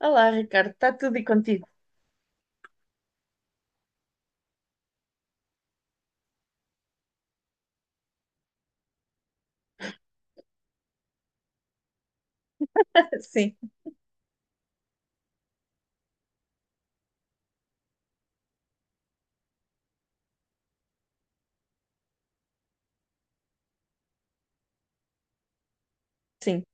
Olá, Ricardo, está tudo e contigo? Sim, sim.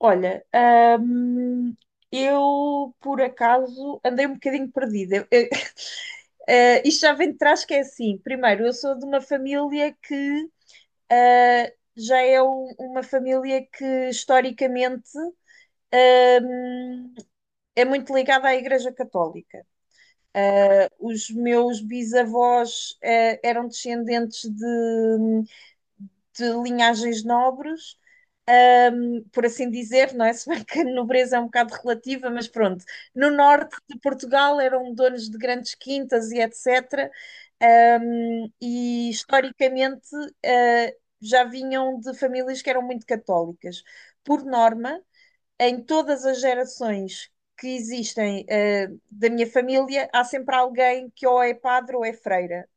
Olha, hum, eu por acaso andei um bocadinho perdida. Isto já vem de trás que é assim. Primeiro, eu sou de uma família que já é uma família que historicamente hum, é muito ligada à Igreja Católica. Os meus bisavós eram descendentes de linhagens nobres, por assim dizer, não é? Se bem que a nobreza é um bocado relativa, mas pronto. No norte de Portugal eram donos de grandes quintas e etc. E historicamente já vinham de famílias que eram muito católicas. Por norma, em todas as gerações que existem da minha família, há sempre alguém que ou é padre ou é freira.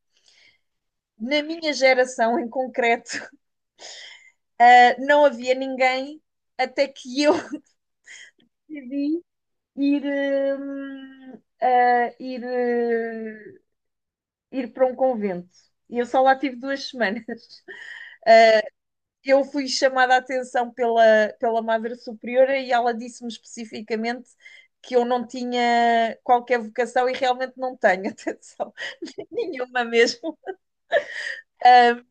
Na minha geração em concreto, não havia ninguém até que eu decidi ir, hum, uh, ir, uh, ir para um convento. E eu só lá tive 2 semanas. Eu fui chamada a atenção pela Madre Superiora e ela disse-me especificamente que eu não tinha qualquer vocação e realmente não tenho, atenção, nenhuma mesmo. Ah,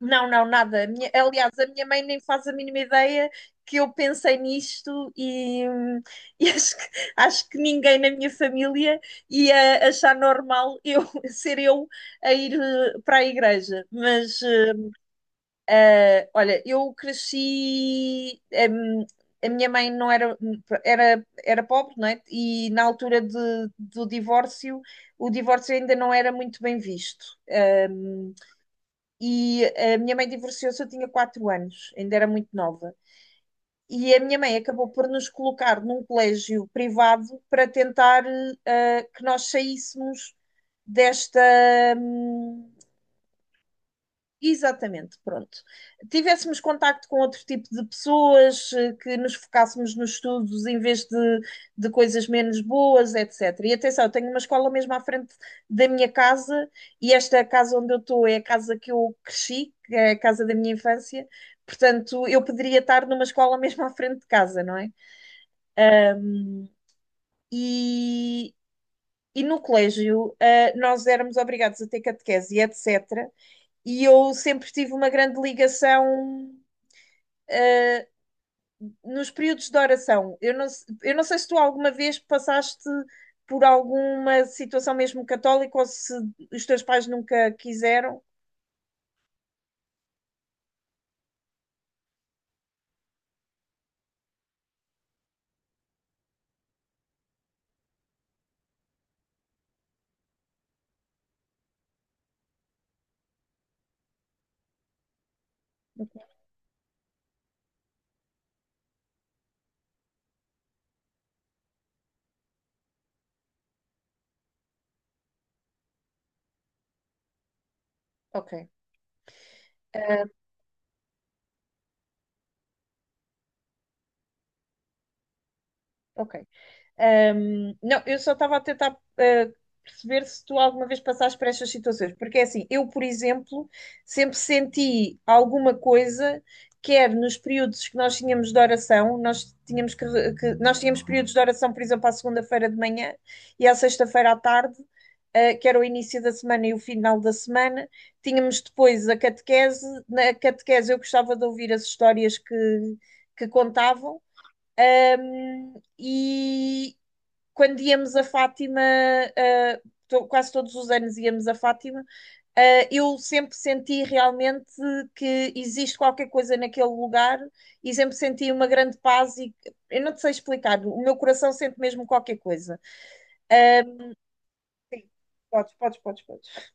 não, não, nada. Aliás, a minha mãe nem faz a mínima ideia que eu pensei nisto e, e acho que ninguém na minha família ia achar normal eu ser eu a ir para a igreja. Mas olha, eu cresci. hum, a minha mãe não era, era, era pobre, não é? E na altura do divórcio, o divórcio ainda não era muito bem visto. E a minha mãe divorciou-se, eu tinha 4 anos, ainda era muito nova. E a minha mãe acabou por nos colocar num colégio privado para tentar que nós saíssemos desta. hum, Exatamente, pronto. Tivéssemos contacto com outro tipo de pessoas, que nos focássemos nos estudos em vez de coisas menos boas, etc. E atenção, eu tenho uma escola mesmo à frente da minha casa, e esta casa onde eu estou é a casa que eu cresci, que é a casa da minha infância, portanto, eu poderia estar numa escola mesmo à frente de casa, não é? E, e no colégio, nós éramos obrigados a ter catequese e etc. E eu sempre tive uma grande ligação nos períodos de oração, eu não sei se tu alguma vez passaste por alguma situação mesmo católica ou se os teus pais nunca quiseram. Ok, ok. Ah, ok. Não, eu só estava a tentar ah, perceber se tu alguma vez passaste por estas situações, porque é assim, eu, por exemplo, sempre senti alguma coisa, quer nos períodos que nós tínhamos de oração, nós tínhamos que, re- que- nós tínhamos períodos de oração, por exemplo, à segunda-feira de manhã e à sexta-feira à tarde, que era o início da semana e o final da semana. Tínhamos depois a catequese. Na catequese eu gostava de ouvir as histórias que contavam. E, quando íamos a Fátima, quase todos os anos íamos a Fátima, eu sempre senti realmente que existe qualquer coisa naquele lugar e sempre senti uma grande paz e eu não te sei explicar, o meu coração sente mesmo qualquer coisa. Podes, podes, podes, podes.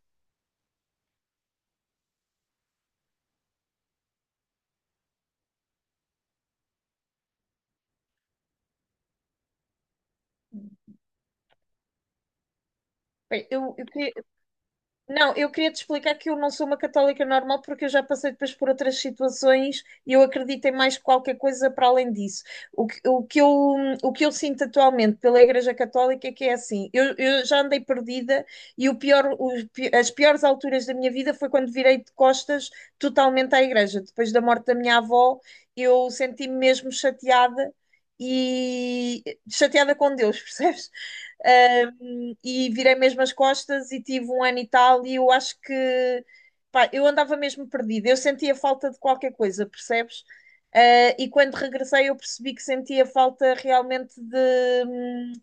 Bem, eu queria, não, eu queria te explicar que eu não sou uma católica normal porque eu já passei depois por outras situações e eu acredito em mais qualquer coisa para além disso. O que, o que eu, o que eu sinto atualmente pela Igreja Católica é que é assim, eu já andei perdida e o pior, os pi- as piores alturas da minha vida foi quando virei de costas totalmente à Igreja. Depois da morte da minha avó, eu senti-me mesmo chateada e chateada com Deus, percebes? E virei mesmo as costas e tive um ano e tal, e eu acho que pá, eu andava mesmo perdida, eu sentia falta de qualquer coisa, percebes? E quando regressei eu percebi que sentia falta realmente hum,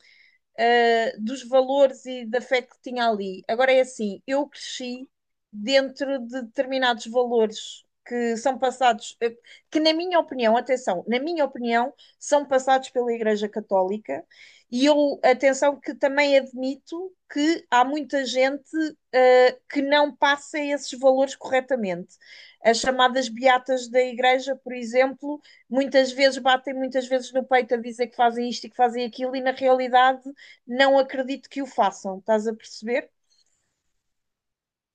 dos valores e da fé que tinha ali. Agora é assim, eu cresci dentro de determinados valores que são passados, que na minha opinião, atenção, na minha opinião, são passados pela Igreja Católica, e eu, atenção, que também admito que há muita gente que não passa esses valores corretamente. As chamadas beatas da Igreja, por exemplo, muitas vezes batem muitas vezes no peito a dizer que fazem isto e que fazem aquilo, e na realidade não acredito que o façam, estás a perceber?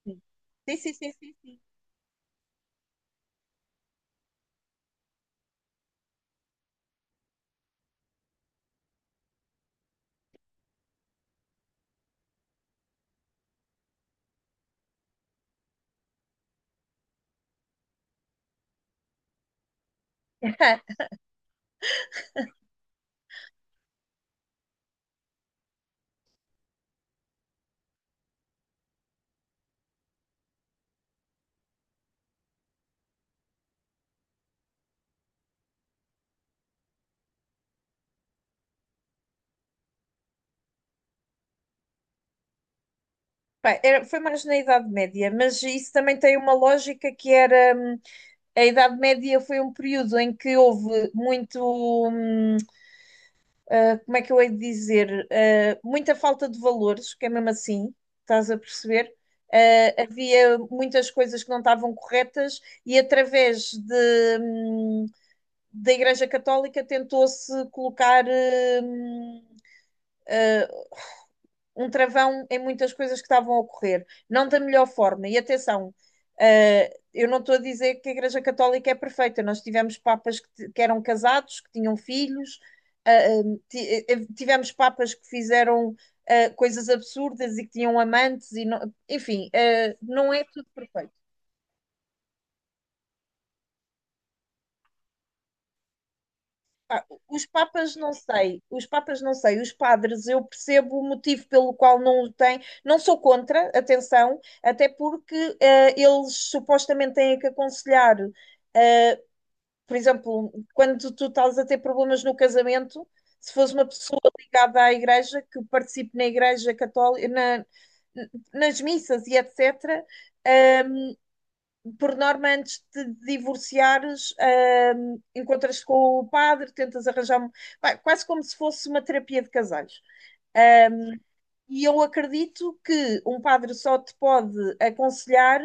Sim. Sim, sim, sim, sim. Pá, foi mais na Idade Média, mas isso também tem uma lógica que era, a Idade Média foi um período em que houve muito, hum, como é que eu hei de dizer, muita falta de valores, que é mesmo assim, estás a perceber? Havia muitas coisas que não estavam corretas e através hum, da Igreja Católica tentou-se colocar, hum, um travão em muitas coisas que estavam a ocorrer, não da melhor forma. E atenção, eu não estou a dizer que a Igreja Católica é perfeita, nós tivemos papas que eram casados, que tinham filhos, tivemos papas que fizeram coisas absurdas e que tinham amantes, e não, enfim, não é tudo perfeito. Pá, os papas não sei, os papas não sei, os padres eu percebo o motivo pelo qual não o têm, não sou contra, atenção, até porque eles supostamente têm que aconselhar, eh, por exemplo, quando tu estás a ter problemas no casamento, se fosse uma pessoa ligada à igreja, que participe na igreja católica, nas missas e etc., por norma, antes de divorciares, encontras-te com o padre, tentas arranjar. Pá, quase como se fosse uma terapia de casais. Ah, e eu acredito que um padre só te pode aconselhar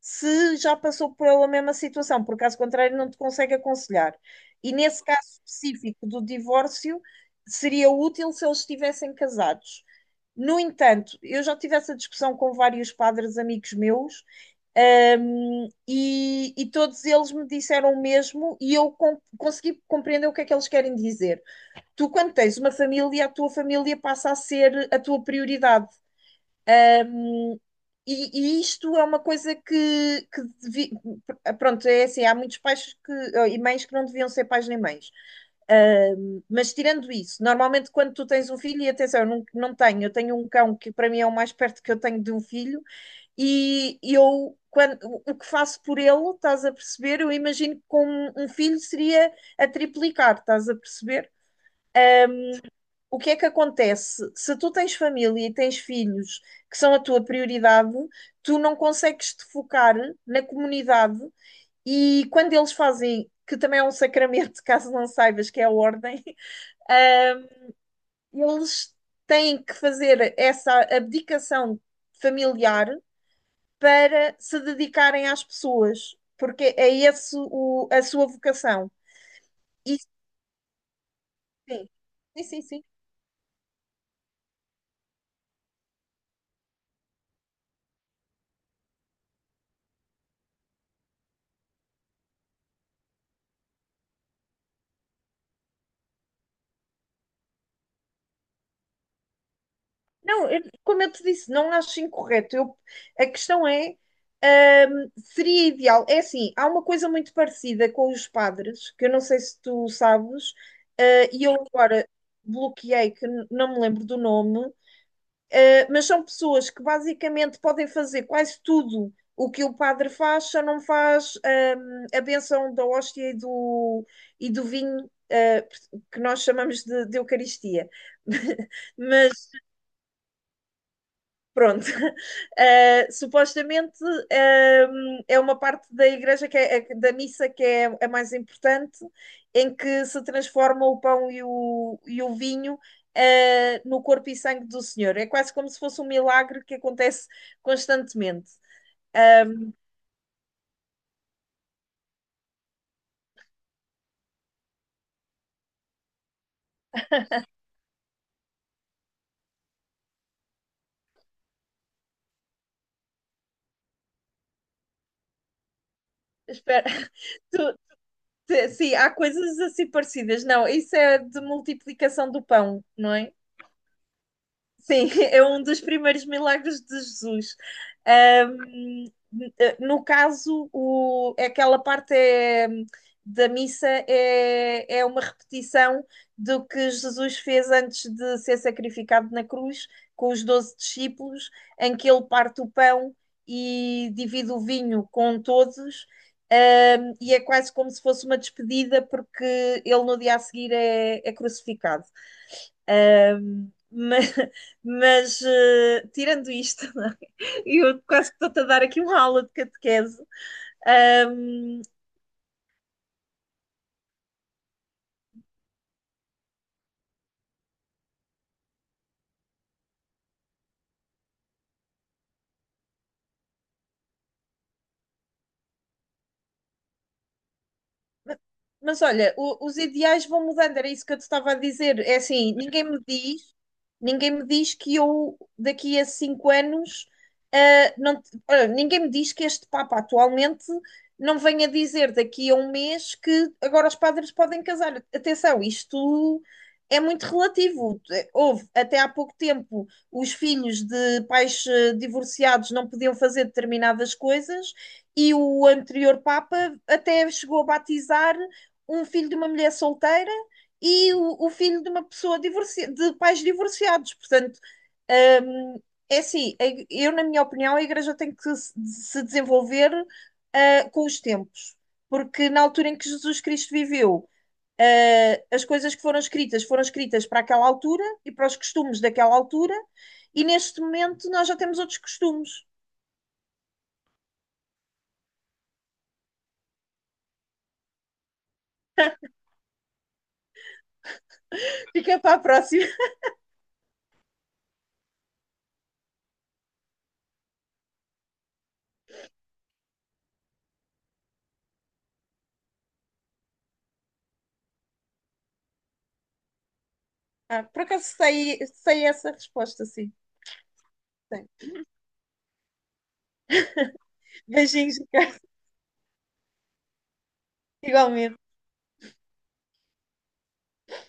se já passou pela mesma situação, por caso contrário, não te consegue aconselhar. E nesse caso específico do divórcio, seria útil se eles estivessem casados. No entanto, eu já tive essa discussão com vários padres amigos meus e todos eles me disseram o mesmo e eu consegui compreender o que é que eles querem dizer. Tu, quando tens uma família, a tua família passa a ser a tua prioridade. E isto é uma coisa que pronto, é assim, há muitos pais que, e mães que não deviam ser pais nem mães. Mas tirando isso, normalmente quando tu tens um filho, e atenção, eu não, não tenho, eu tenho um cão que para mim é o mais perto que eu tenho de um filho, e o que faço por ele, estás a perceber? Eu imagino que com um filho seria a triplicar, estás a perceber? O que é que acontece? Se tu tens família e tens filhos que são a tua prioridade, tu não consegues te focar na comunidade e quando eles fazem, que também é um sacramento, caso não saibas que é a ordem, uh, eles têm que fazer essa abdicação familiar para se dedicarem às pessoas, porque é esse a sua vocação. Isso sim. Sim, sim, sim. Não, como eu te disse, não acho incorreto. A questão é, seria ideal. É assim, há uma coisa muito parecida com os padres, que eu não sei se tu sabes, e eu agora bloqueei, que não me lembro do nome, mas são pessoas que basicamente podem fazer quase tudo o que o padre faz, só não faz a bênção da hóstia e do vinho, que nós chamamos de Eucaristia. mas pronto. Supostamente, eh, é uma parte da igreja que da missa que é a mais importante, em que se transforma o pão e o vinho, no corpo e sangue do Senhor. É quase como se fosse um milagre que acontece constantemente. Ehm, Espera, tu- sim, há coisas assim parecidas. Não, isso é de multiplicação do pão, não é? Sim, é um dos primeiros milagres de Jesus. Ahm, no caso, aquela parte é, da missa é uma repetição do que Jesus fez antes de ser sacrificado na cruz, com os 12 discípulos, em que ele parte o pão e divide o vinho com todos. E é quase como se fosse uma despedida, porque ele no dia a seguir é crucificado. Mas, mas, tirando isto, eu quase que estou-te a dar aqui uma aula de catequese. Ahm, Mas olha, os ideais vão mudando, era isso que eu te estava a dizer. É assim, ninguém me diz que eu daqui a 5 anos, não, olha, ninguém me diz que este Papa atualmente não venha dizer daqui a um mês que agora os padres podem casar. Atenção, isto é muito relativo. Houve até há pouco tempo os filhos de pais divorciados não podiam fazer determinadas coisas e o anterior Papa até chegou a batizar um filho de uma mulher solteira e o filho de uma pessoa de pais divorciados. Portanto, hum, é assim, eu, na minha opinião, a Igreja tem que se desenvolver, com os tempos, porque na altura em que Jesus Cristo viveu, as coisas que foram escritas para aquela altura e para os costumes daquela altura. E neste momento nós já temos outros costumes. Fica para a próxima. Ah, por acaso sei essa resposta, sim. Sei. Beijinhos, Ricardo, igualmente.